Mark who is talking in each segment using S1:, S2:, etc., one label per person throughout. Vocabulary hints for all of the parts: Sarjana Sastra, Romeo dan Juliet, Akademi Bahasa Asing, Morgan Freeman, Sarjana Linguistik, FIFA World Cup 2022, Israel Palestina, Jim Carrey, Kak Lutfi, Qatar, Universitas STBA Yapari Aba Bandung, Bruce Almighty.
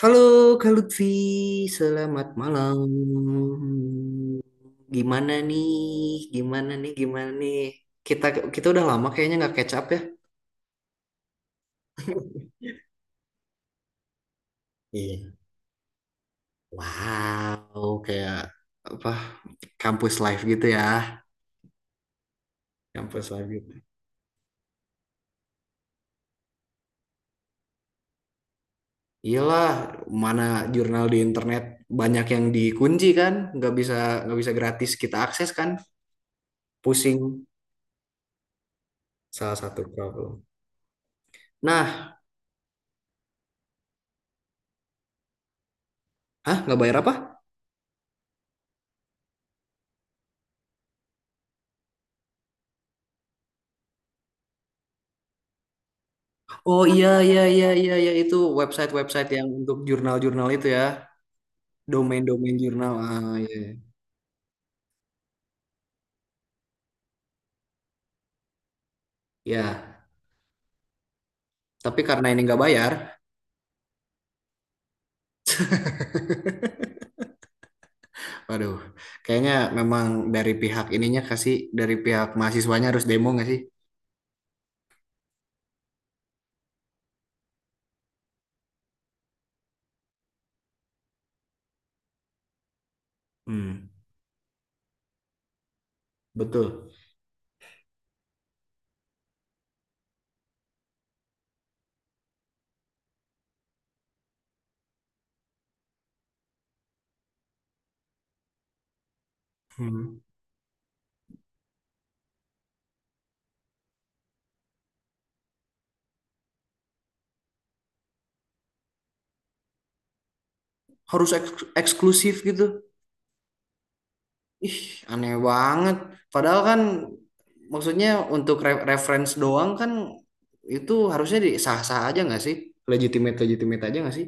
S1: Halo Kak Lutfi, selamat malam. Gimana nih? Gimana nih? Gimana nih? Kita kita udah lama kayaknya nggak catch up ya. Iya. Wow, kayak apa? Kampus life gitu ya. Kampus life gitu. Iyalah, mana jurnal di internet banyak yang dikunci kan? Nggak bisa gratis kita akses kan? Pusing. Salah satu problem. Nah, hah, nggak bayar apa? Oh, iya, iya, iya, iya, iya, itu website-website yang untuk jurnal-jurnal itu ya, domain-domain jurnal. Ah, iya. Iya. Ya, tapi karena ini nggak bayar, waduh, kayaknya memang dari pihak ininya kasih dari pihak mahasiswanya harus demo nggak sih? Hmm, betul. Hmm. Harus eksklusif gitu. Ih, aneh banget. Padahal kan maksudnya untuk reference doang kan, itu harusnya di sah-sah aja nggak sih? Legitimate legitimate aja nggak sih?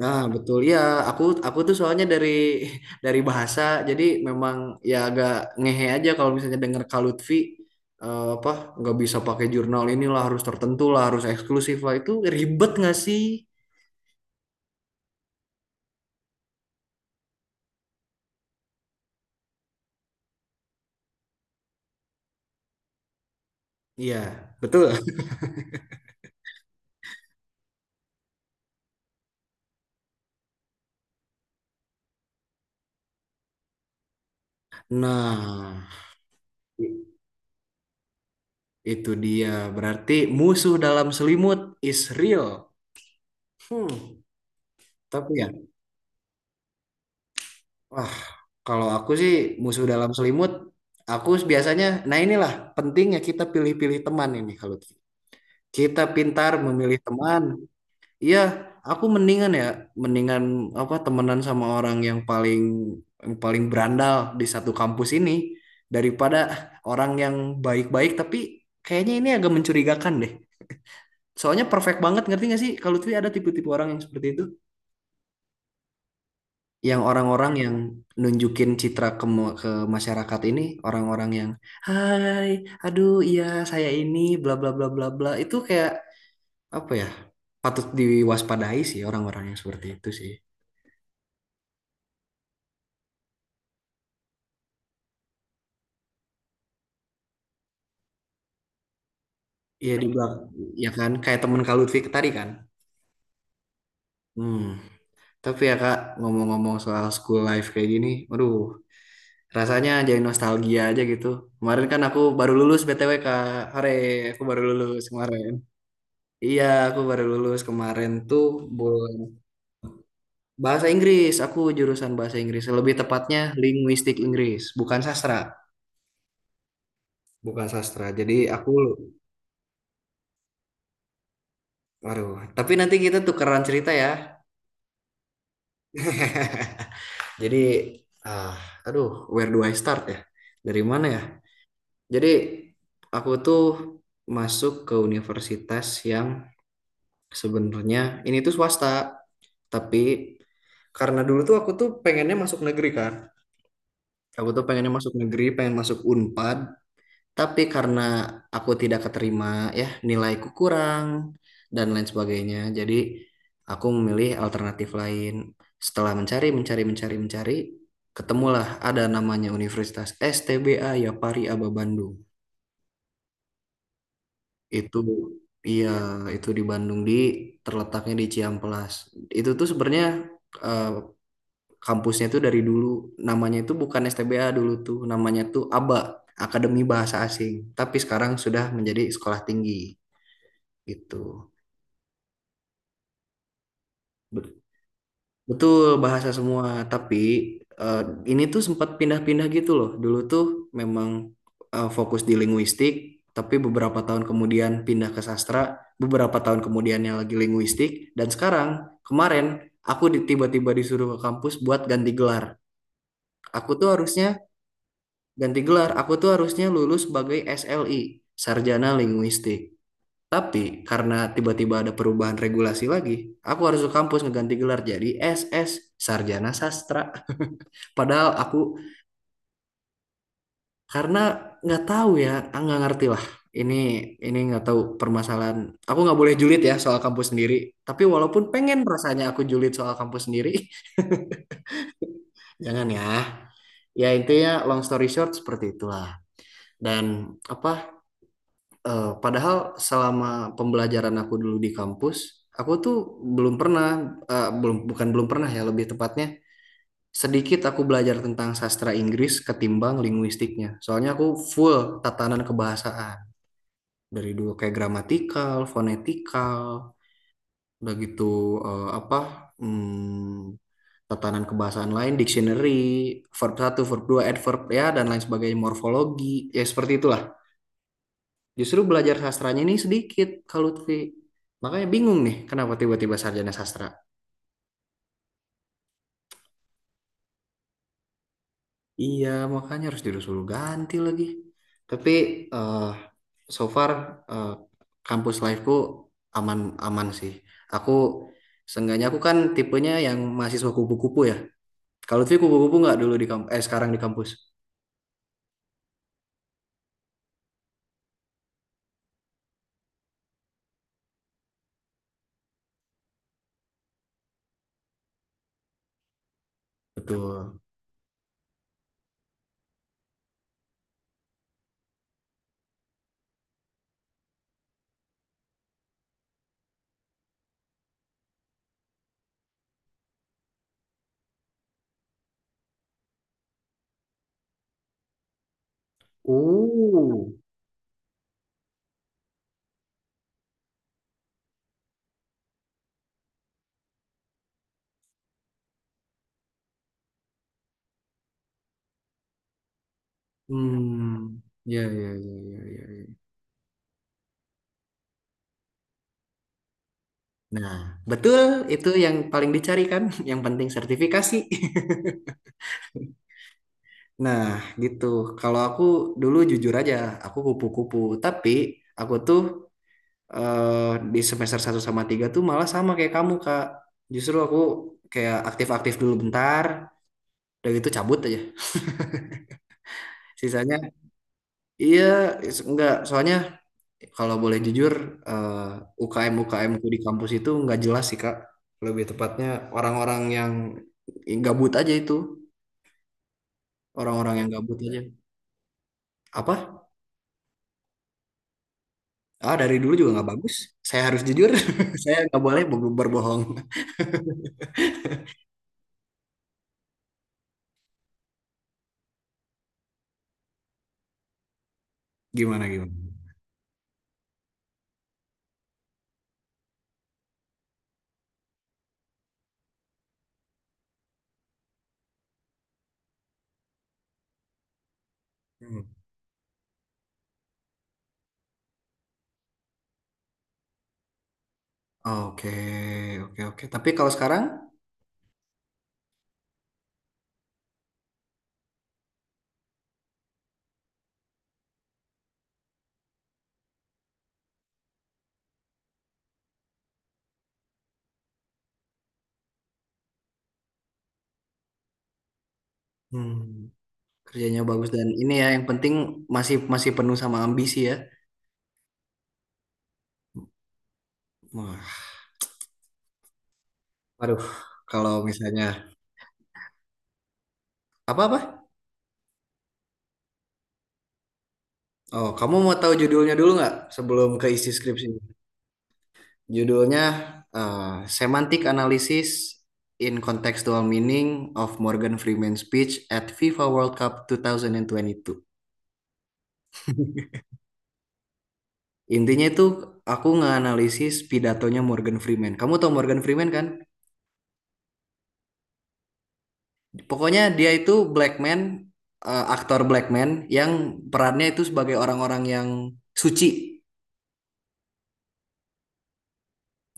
S1: Nah, betul ya. Aku tuh soalnya dari dari bahasa, jadi memang ya agak ngehe aja kalau misalnya denger Kak Lutfi, apa nggak bisa pakai jurnal inilah, harus tertentu lah, harus eksklusif lah, itu ribet nggak sih? Iya, betul. Nah, i- itu dia, berarti musuh dalam selimut is real. Hmm, tapi ya, wah, kalau aku sih musuh dalam selimut, aku biasanya, nah, inilah pentingnya kita pilih-pilih teman ini kalau kita pintar memilih teman. Iya, aku mendingan ya, mendingan apa, temenan sama orang yang paling berandal di satu kampus ini daripada orang yang baik-baik tapi kayaknya ini agak mencurigakan deh. Soalnya perfect banget, ngerti gak sih kalau tuh ada tipe-tipe orang yang seperti itu, yang orang-orang yang nunjukin citra ke masyarakat ini, orang-orang yang hai, aduh iya saya ini bla bla bla bla bla. Itu kayak apa ya, patut diwaspadai sih orang-orang yang seperti itu sih. Ya ya kan kayak temen Kak Lutfi tadi kan. hmm tapi ya Kak, ngomong-ngomong soal school life kayak gini, aduh, rasanya jadi nostalgia aja gitu. Kemarin kan aku baru lulus BTW Kak. Hore, aku baru lulus kemarin. Iya, aku baru lulus kemarin tuh bulan. Bahasa Inggris, aku jurusan bahasa Inggris, lebih tepatnya linguistik Inggris, bukan sastra. Bukan sastra, jadi aku. Waduh, tapi nanti kita tukeran cerita ya. Jadi, ah, aduh, where do I start ya? Dari mana ya? Jadi, aku tuh masuk ke universitas yang sebenarnya ini tuh swasta, tapi karena dulu tuh aku tuh pengennya masuk negeri kan. Aku tuh pengennya masuk negeri, pengen masuk Unpad. Tapi karena aku tidak keterima, ya nilaiku kurang dan lain sebagainya, jadi aku memilih alternatif lain. Setelah mencari, mencari, mencari, mencari, ketemulah ada namanya Universitas STBA Yapari Aba Bandung. Itu iya, itu di Bandung, di terletaknya di Ciamplas. Itu tuh sebenarnya, eh, kampusnya tuh dari dulu namanya itu bukan STBA, dulu tuh namanya tuh ABA. Akademi Bahasa Asing, tapi sekarang sudah menjadi sekolah tinggi. Gitu. Bet- Betul bahasa semua, tapi eh, ini tuh sempat pindah-pindah gitu loh. Dulu tuh memang, fokus di linguistik, tapi beberapa tahun kemudian pindah ke sastra, beberapa tahun kemudiannya lagi linguistik, dan sekarang kemarin aku tiba-tiba disuruh ke kampus buat ganti gelar. Aku tuh harusnya ganti gelar, aku tuh harusnya lulus sebagai SLI, Sarjana Linguistik. Tapi karena tiba-tiba ada perubahan regulasi lagi, aku harus ke kampus ngeganti gelar jadi SS, Sarjana Sastra. Padahal aku, karena nggak tahu ya, ah, nggak ngerti lah. Ini ini nggak tahu permasalahan. Aku nggak boleh julid ya soal kampus sendiri. Tapi walaupun pengen rasanya aku julid soal kampus sendiri, jangan ya. Ya intinya long story short seperti itulah. Dan apa, padahal selama pembelajaran aku dulu di kampus, aku tuh belum pernah, eh, belum, bukan belum pernah ya, lebih tepatnya sedikit aku belajar tentang sastra Inggris ketimbang linguistiknya. Soalnya aku full tatanan kebahasaan dari dulu kayak gramatikal, fonetikal, udah gitu, apa, hmm, tatanan kebahasaan lain, dictionary, verb satu, verb 2, adverb ya dan lain sebagainya, morfologi, ya seperti itulah. Justru belajar sastranya ini sedikit kalau Lutfi. Makanya bingung nih kenapa tiba-tiba sarjana sastra. Iya, makanya harus disuruh ganti lagi. Tapi eh so far, eh, kampus life-ku aman-aman sih. Aku Seenggaknya aku kan tipenya yang mahasiswa kupu-kupu ya. Kalau Lutfi kupu-kupu nggak, dulu di kampus, eh sekarang di kampus. Betul. Oh. Hmm. Ya, ya, ya, ya, ya. Ya. Nah, betul, itu yang paling dicari kan, yang penting sertifikasi. Nah, gitu. Kalau aku dulu jujur aja, aku kupu-kupu. Tapi aku tuh, di semester satu sama 3 tuh malah sama kayak kamu, Kak. Justru aku kayak aktif-aktif dulu bentar, udah gitu cabut aja. Sisanya, iya, enggak. Soalnya kalau boleh jujur, UKM-UKM ku di kampus itu nggak jelas sih, Kak. Lebih tepatnya orang-orang yang gabut aja itu. Orang-orang yang gabut aja. Apa? Ah, dari dulu juga nggak bagus. Saya harus jujur. Saya nggak boleh berbohong. Gimana gimana? Hmm. Oke, oke, oke. Tapi kalau sekarang, hmm, kerjanya bagus dan ini ya yang penting masih masih penuh sama ambisi ya. Wah, aduh. Kalau misalnya apa-apa? Oh, kamu mau tahu judulnya dulu nggak sebelum ke isi skripsi? Judulnya Semantic Analysis in Contextual Meaning of Morgan Freeman's Speech at FIFA World Cup 2022. Intinya itu aku nganalisis pidatonya Morgan Freeman. Kamu tau Morgan Freeman kan? Pokoknya dia itu black man, eh, aktor black man yang perannya itu sebagai orang-orang yang suci.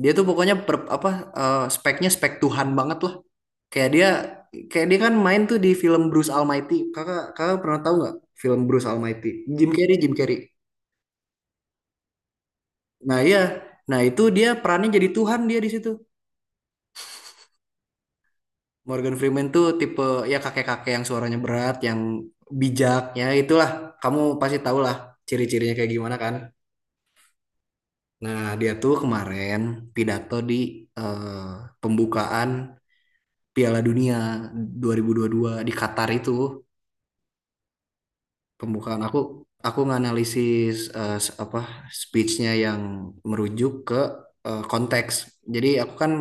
S1: Dia tuh pokoknya apa, speknya spek Tuhan banget lah. Kayak dia kayak dia kan main tuh di film Bruce Almighty. Kakak kakak pernah tahu nggak film Bruce Almighty? Jim Carrey, Jim Carrey. Nah iya, nah itu dia perannya jadi Tuhan dia di situ. Morgan Freeman tuh tipe ya kakek-kakek yang suaranya berat, yang bijaknya itulah. Kamu pasti tahu lah ciri-cirinya kayak gimana kan. Nah dia tuh kemarin pidato di, eh, pembukaan Piala Dunia dua 2022 di Qatar itu. Pembukaan aku nganalisis, apa, speechnya yang merujuk ke, konteks. Jadi aku kan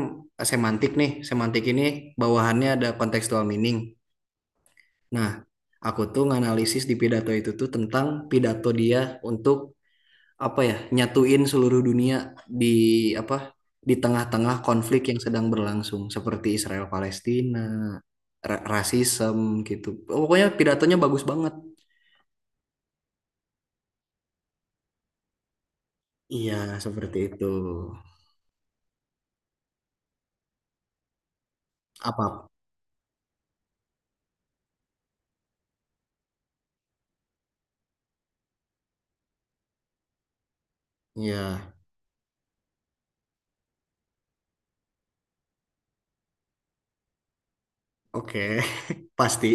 S1: semantik nih, semantik ini bawahannya ada contextual meaning. Nah, aku tuh nganalisis di pidato itu tuh tentang pidato dia untuk apa ya, nyatuin seluruh dunia di apa, di tengah-tengah konflik yang sedang berlangsung seperti Israel Palestina, rasisme gitu. Pokoknya pidatonya bagus banget. Iya, seperti itu. Apa? Ya, oke. Pasti.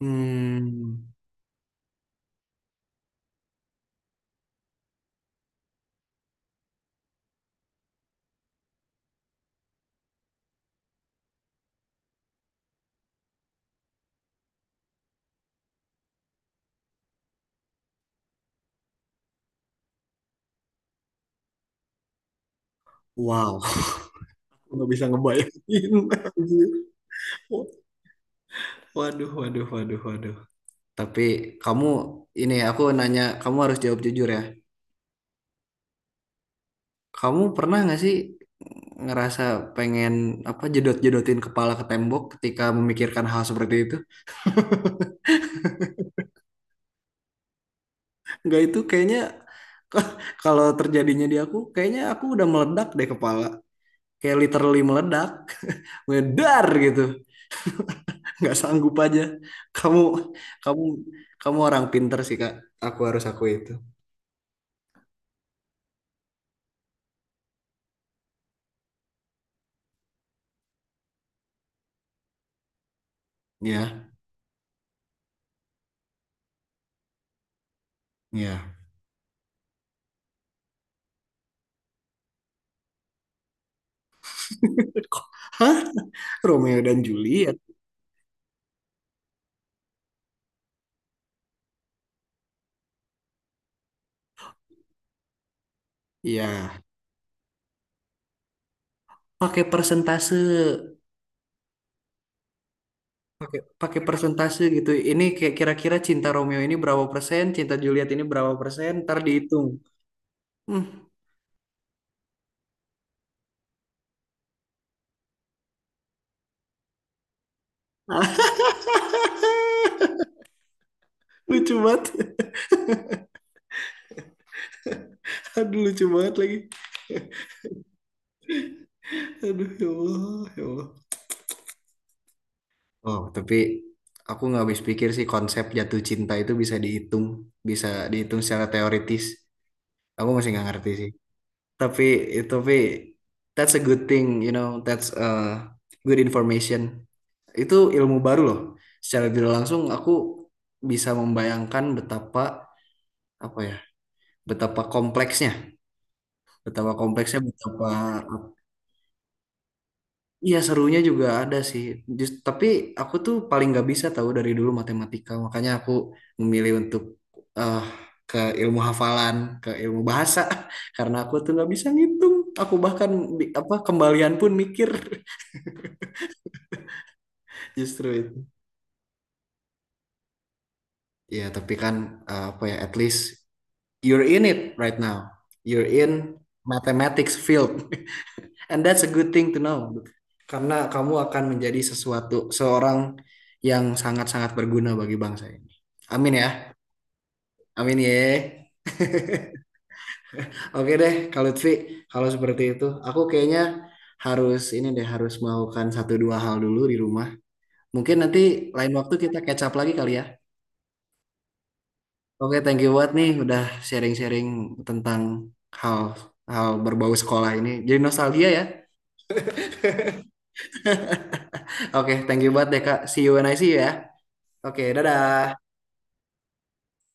S1: Hmm, wow. Nggak bisa ngebayangin. Waduh, waduh, waduh, waduh. Tapi kamu, ini aku nanya, kamu harus jawab jujur ya. Kamu pernah nggak sih ngerasa pengen apa, jedot-jedotin kepala ke tembok ketika memikirkan hal seperti itu? Nggak, itu kayaknya kalau terjadinya di aku, kayaknya aku udah meledak deh kepala. Kayak literally meledak, medar gitu. Nggak sanggup aja. Kamu, kamu, kamu orang pinter sih Kak. Aku harus aku itu. Ya, ya. Hah? Romeo dan Juliet. Ya, pakai persentase, pakai pakai persentase gitu. Ini kayak kira-kira cinta Romeo ini berapa persen, cinta Juliet ini berapa persen, ntar dihitung. Hmm. Lucu banget. Aduh, lucu banget lagi. Aduh, ya Allah, ya Allah. Oh, tapi aku nggak habis pikir sih konsep jatuh cinta itu bisa dihitung secara teoritis. Aku masih nggak ngerti sih. Tapi tapi that's a good thing, you know, that's a good information. Itu ilmu baru loh. Secara tidak langsung aku bisa membayangkan betapa apa ya, betapa kompleksnya, betapa kompleksnya, betapa. Iya serunya juga ada sih. Just, tapi aku tuh paling nggak bisa tahu dari dulu matematika. Makanya aku memilih untuk, eh ke ilmu hafalan, ke ilmu bahasa. Karena aku tuh nggak bisa ngitung. Aku bahkan, apa, kembalian pun mikir justru itu. Iya tapi kan, apa ya? At least you're in it right now. You're in mathematics field. And that's a good thing to know. Karena kamu akan menjadi sesuatu seorang yang sangat-sangat berguna bagi bangsa ini. Amin ya. Amin ya. Oke deh, kalau Lutfi, kalau seperti itu, aku kayaknya harus ini deh, harus melakukan satu dua hal dulu di rumah. Mungkin nanti lain waktu kita catch up lagi kali ya. Oke, thank you buat nih udah sharing-sharing tentang hal hal berbau sekolah ini. Jadi nostalgia ya. Oke, thank you buat deh Kak. See you when I see you ya. Oke, dadah.